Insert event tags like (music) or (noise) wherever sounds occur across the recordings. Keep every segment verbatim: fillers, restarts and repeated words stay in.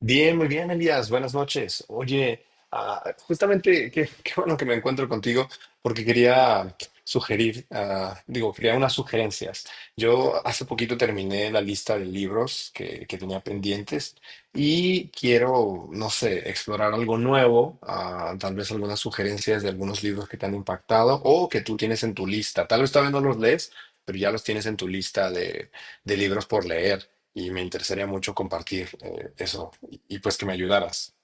Bien, muy bien, Elías. Buenas noches. Oye, ah, justamente qué, (laughs) qué bueno que me encuentro contigo porque quería sugerir, ah, digo, quería unas sugerencias. Yo hace poquito terminé la lista de libros que, que tenía pendientes y quiero, no sé, explorar algo nuevo, ah, tal vez algunas sugerencias de algunos libros que te han impactado o que tú tienes en tu lista. Tal vez todavía no los lees, pero ya los tienes en tu lista de, de libros por leer. Y me interesaría mucho compartir eh, eso y pues que me ayudaras.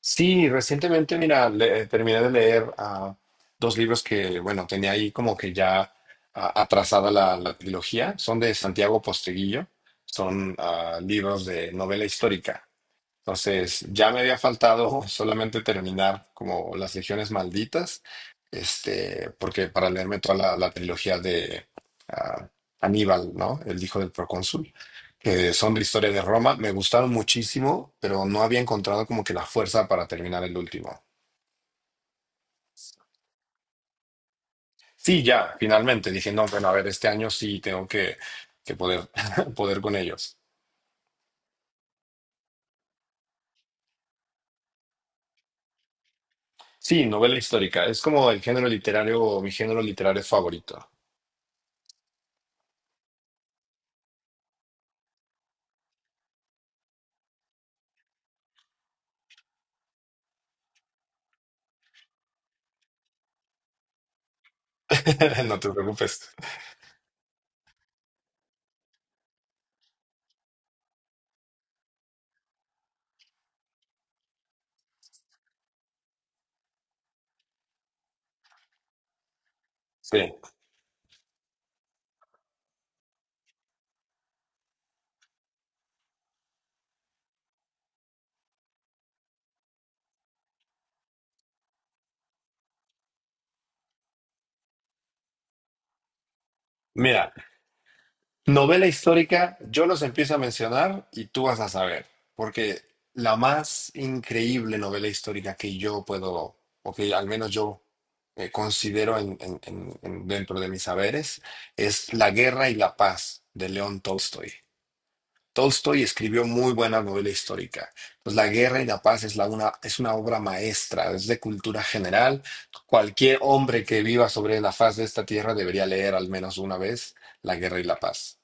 Sí, recientemente, mira, le- eh, terminé de leer ah, dos libros que, bueno, tenía ahí como que ya ah, atrasada la, la trilogía. Son de Santiago Posteguillo, son ah, libros de novela histórica. Entonces, ya me había faltado (laughs) solamente terminar como Las Legiones Malditas, este, porque para leerme toda la, la trilogía de ah, Aníbal, ¿no? El hijo del procónsul, que son de historia de Roma, me gustaron muchísimo, pero no había encontrado como que la fuerza para terminar el último. Sí, ya, finalmente dije, no, bueno, a ver, este año sí tengo que, que poder, (laughs) poder con ellos. Sí, novela histórica, es como el género literario, mi género literario favorito. (laughs) No te preocupes. Sí. Mira, novela histórica, yo los empiezo a mencionar y tú vas a saber, porque la más increíble novela histórica que yo puedo, o que al menos yo eh, considero en- en- en- en- dentro de mis saberes, es La Guerra y la Paz de León Tolstoy. Tolstoy escribió muy buena novela histórica. Pues La guerra y la paz es, la una, es una obra maestra, es de cultura general. Cualquier hombre que viva sobre la faz de esta tierra debería leer al menos una vez La guerra y la paz.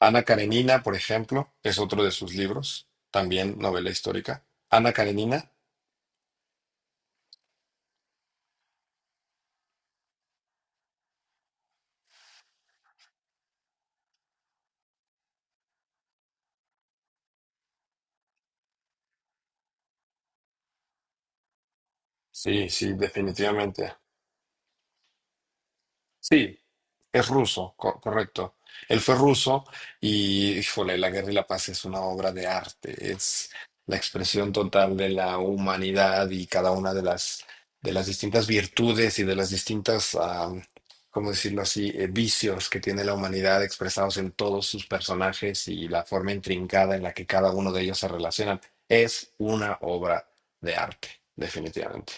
Ana Karenina, por ejemplo, es otro de sus libros, también novela histórica. Ana Karenina, sí, sí, definitivamente. Sí, es ruso, co- correcto. Él fue ruso y, híjole, La Guerra y la Paz es una obra de arte, es la expresión total de la humanidad y cada una de las, de las distintas virtudes y de las distintas, ah, ¿cómo decirlo así?, eh, vicios que tiene la humanidad expresados en todos sus personajes y la forma intrincada en la que cada uno de ellos se relacionan. Es una obra de arte, definitivamente.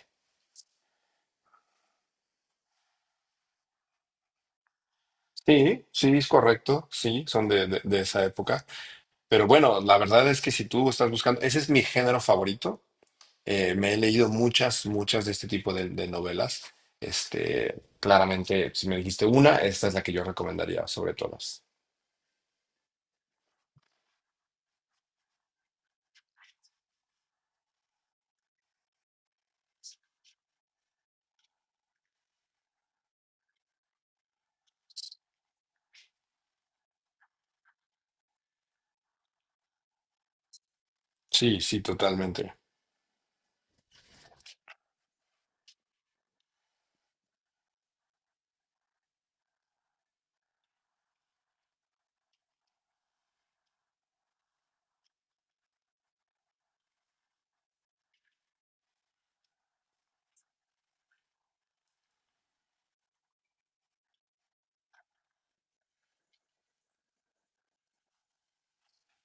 Sí, sí, es correcto, sí, son de, de de esa época. Pero bueno, la verdad es que si tú estás buscando, ese es mi género favorito. Eh, me he leído muchas, muchas de este tipo de, de novelas. Este, claramente, si me dijiste una, esta es la que yo recomendaría sobre todas. Sí, sí, totalmente.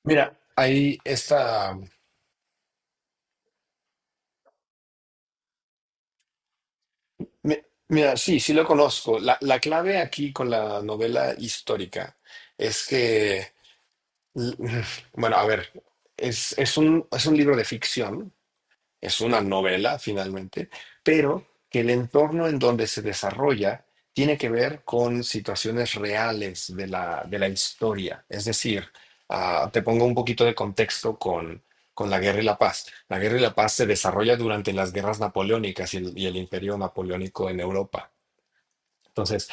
Mira, ahí está. mi- Mira, sí, sí lo conozco. La, la clave aquí con la novela histórica es que, l- (laughs) bueno, a ver, es, es un, es un libro de ficción, es una novela finalmente, pero que el entorno en donde se desarrolla tiene que ver con situaciones reales de la, de la historia. Es decir, ah, te pongo un poquito de contexto con, con la Guerra y la Paz. La Guerra y la Paz se desarrolla durante las guerras napoleónicas y el, y el Imperio Napoleónico en Europa. Entonces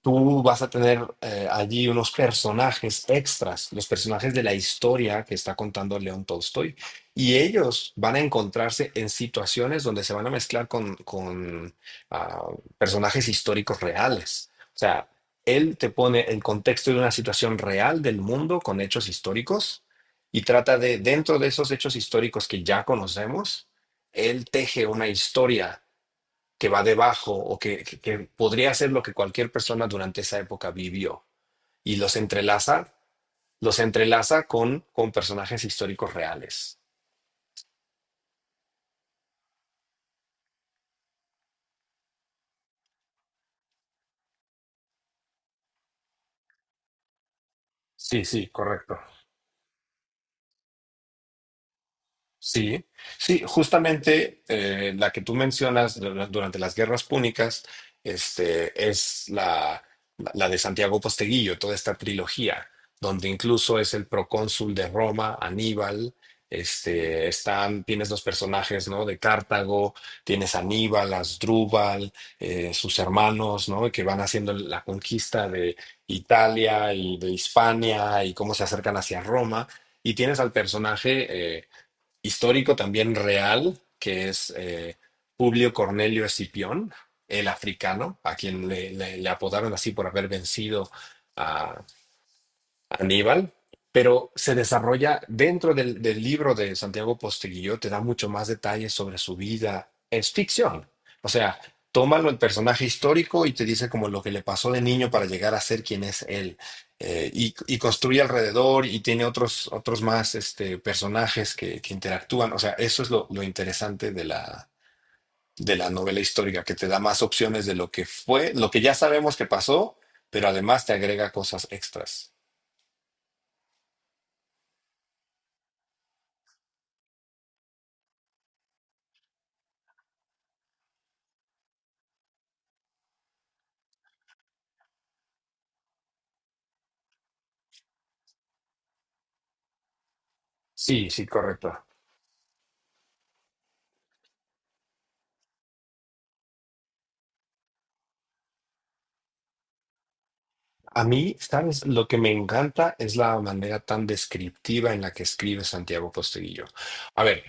tú vas a tener eh, allí unos personajes extras, los personajes de la historia que está contando León Tolstoy, y ellos van a encontrarse en situaciones donde se van a mezclar con, con, ah, personajes históricos reales. O sea, él te pone el contexto de una situación real del mundo con hechos históricos y trata de, dentro de esos hechos históricos que ya conocemos, él teje una historia que va debajo o que, que- que podría ser lo que cualquier persona durante esa época vivió y los entrelaza, los entrelaza con, con personajes históricos reales. Sí, sí, correcto. Sí, sí, justamente eh, la que tú mencionas du- durante las guerras púnicas, este, es la, la de Santiago Posteguillo, toda esta trilogía, donde incluso es el procónsul de Roma, Aníbal, este, están, tienes los personajes, ¿no? De Cartago, tienes a Aníbal, Asdrúbal, eh, sus hermanos, ¿no? Que van haciendo la conquista de Italia y de Hispania y cómo se acercan hacia Roma. Y tienes al personaje... eh, histórico también real, que es eh, Publio Cornelio Escipión, el africano, a quien le, le- le apodaron así por haber vencido a Aníbal, pero se desarrolla dentro del, del libro de Santiago Posteguillo, te da mucho más detalles sobre su vida. Es ficción. O sea, tómalo el personaje histórico y te dice como lo que le pasó de niño para llegar a ser quien es él. Eh, y, y construye alrededor y tiene otros, otros más este, personajes que, que interactúan. O sea, eso es lo, lo interesante de la, de la novela histórica, que te da más opciones de lo que fue, lo que ya sabemos que pasó, pero además te agrega cosas extras. Sí, sí, correcto. A mí, ¿sabes? Lo que me encanta es la manera tan descriptiva en la que escribe Santiago Posteguillo. A ver,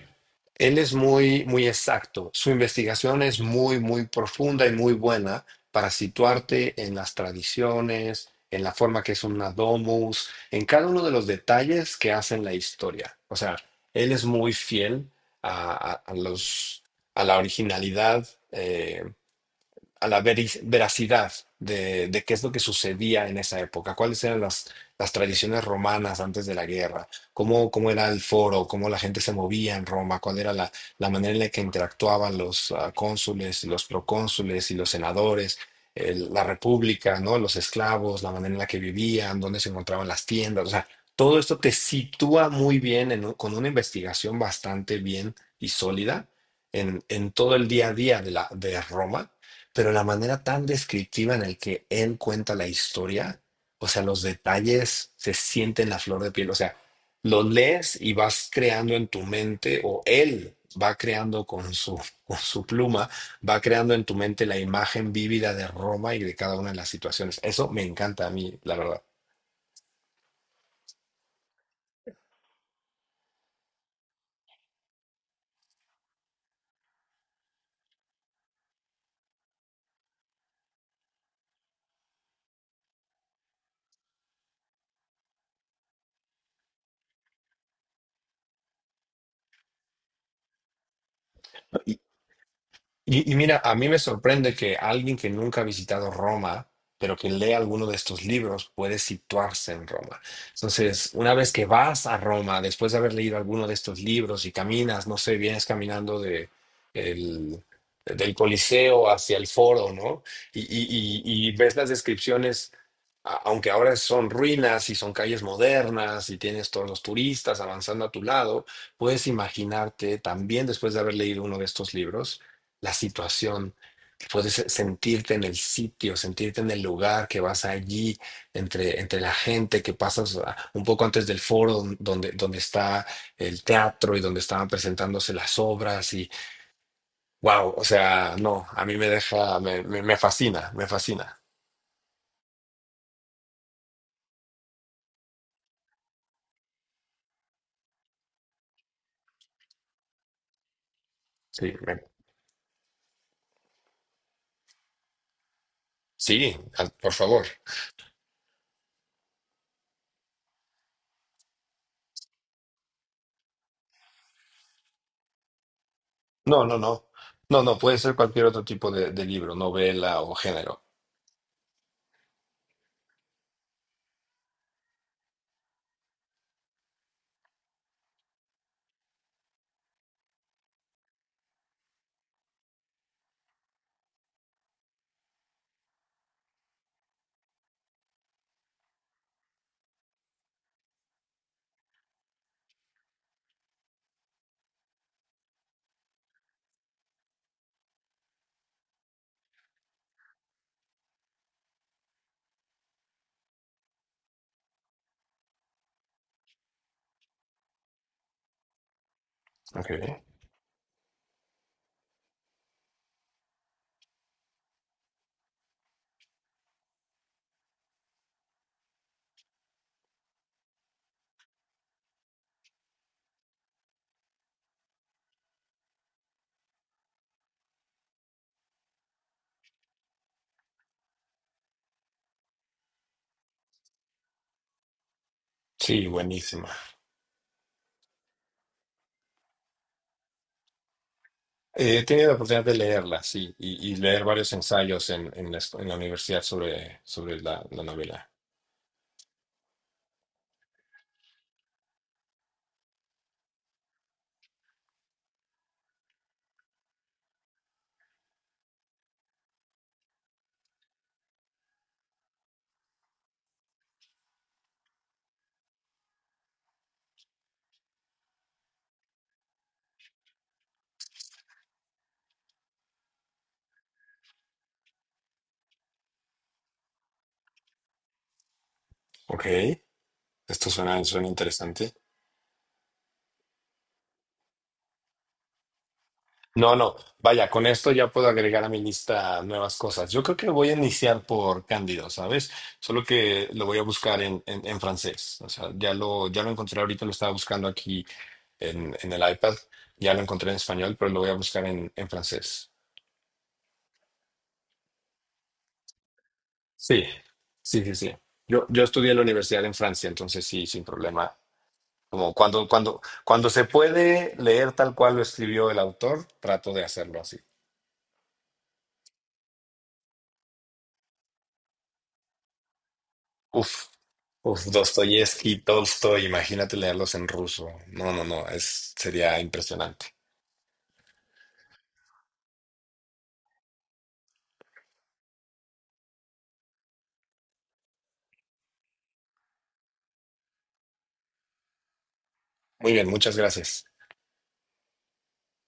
él es muy, muy exacto. Su investigación es muy, muy profunda y muy buena para situarte en las tradiciones, en la forma que es una domus, en cada uno de los detalles que hacen la historia. O sea, él es muy fiel a, a- a los, a la originalidad eh, a la veri- veracidad de, de qué es lo que sucedía en esa época, cuáles eran las, las tradiciones romanas antes de la guerra, cómo, cómo era el foro, cómo la gente se movía en Roma, cuál era la, la manera en la que interactuaban los ah, cónsules, los procónsules y los senadores, el- la república, ¿no? Los esclavos, la manera en la que vivían, dónde se encontraban las tiendas, o sea, todo esto te sitúa muy bien en un- con una investigación bastante bien y sólida en, en todo el día a día de, la, de Roma, pero la manera tan descriptiva en el que él cuenta la historia, o sea, los detalles se sienten la flor de piel, o sea, lo lees y vas creando en tu mente, o él va creando con su, (laughs) con su pluma, va creando en tu mente la imagen vívida de Roma y de cada una de las situaciones. Eso me encanta a mí, la verdad. Y, y mira, a mí me sorprende que alguien que nunca ha visitado Roma, pero que lee alguno de estos libros, puede situarse en Roma. Entonces, una vez que vas a Roma, después de haber leído alguno de estos libros y caminas, no sé, vienes caminando de el- del Coliseo hacia el Foro, ¿no? Y, y- y- y ves las descripciones, a- aunque ahora son ruinas y son calles modernas y tienes todos los turistas avanzando a tu lado, puedes imaginarte también después de haber leído uno de estos libros la situación, puedes sentirte en el sitio, sentirte en el lugar que vas allí, entre, entre la gente que pasas ah, un poco antes del foro donde, donde está el teatro y donde estaban presentándose las obras y wow, o sea, no, a mí me deja, me, me, me fascina, me fascina. Sí, me- sí, al- por favor. No, no, no. No, no, puede ser cualquier otro tipo de, de libro, novela o género. Ok. Sí, buenísima. Eh, he tenido la oportunidad de leerla, sí, y, y leer varios ensayos en, en la, escu- en la universidad sobre, sobre la, la novela. Ok, esto suena, suena interesante. No, no, vaya, con esto ya puedo agregar a mi lista nuevas cosas. Yo creo que voy a iniciar por Cándido, ¿sabes? Solo que lo voy a buscar en, en, en francés. O sea, ya lo, ya lo encontré ahorita, lo estaba buscando aquí en, en el iPad. Ya lo encontré en español, pero lo voy a buscar en, en francés. Sí, sí, sí, sí. Yo, yo estudié en la universidad en Francia, entonces sí, sin problema. Como cuando, cuando, cuando se puede leer tal cual lo escribió el autor, trato de hacerlo así. Uf, uf, Dostoyevsky, Tolstoy, imagínate leerlos en ruso. No, no, no, es, sería impresionante. Muy bien, muchas gracias.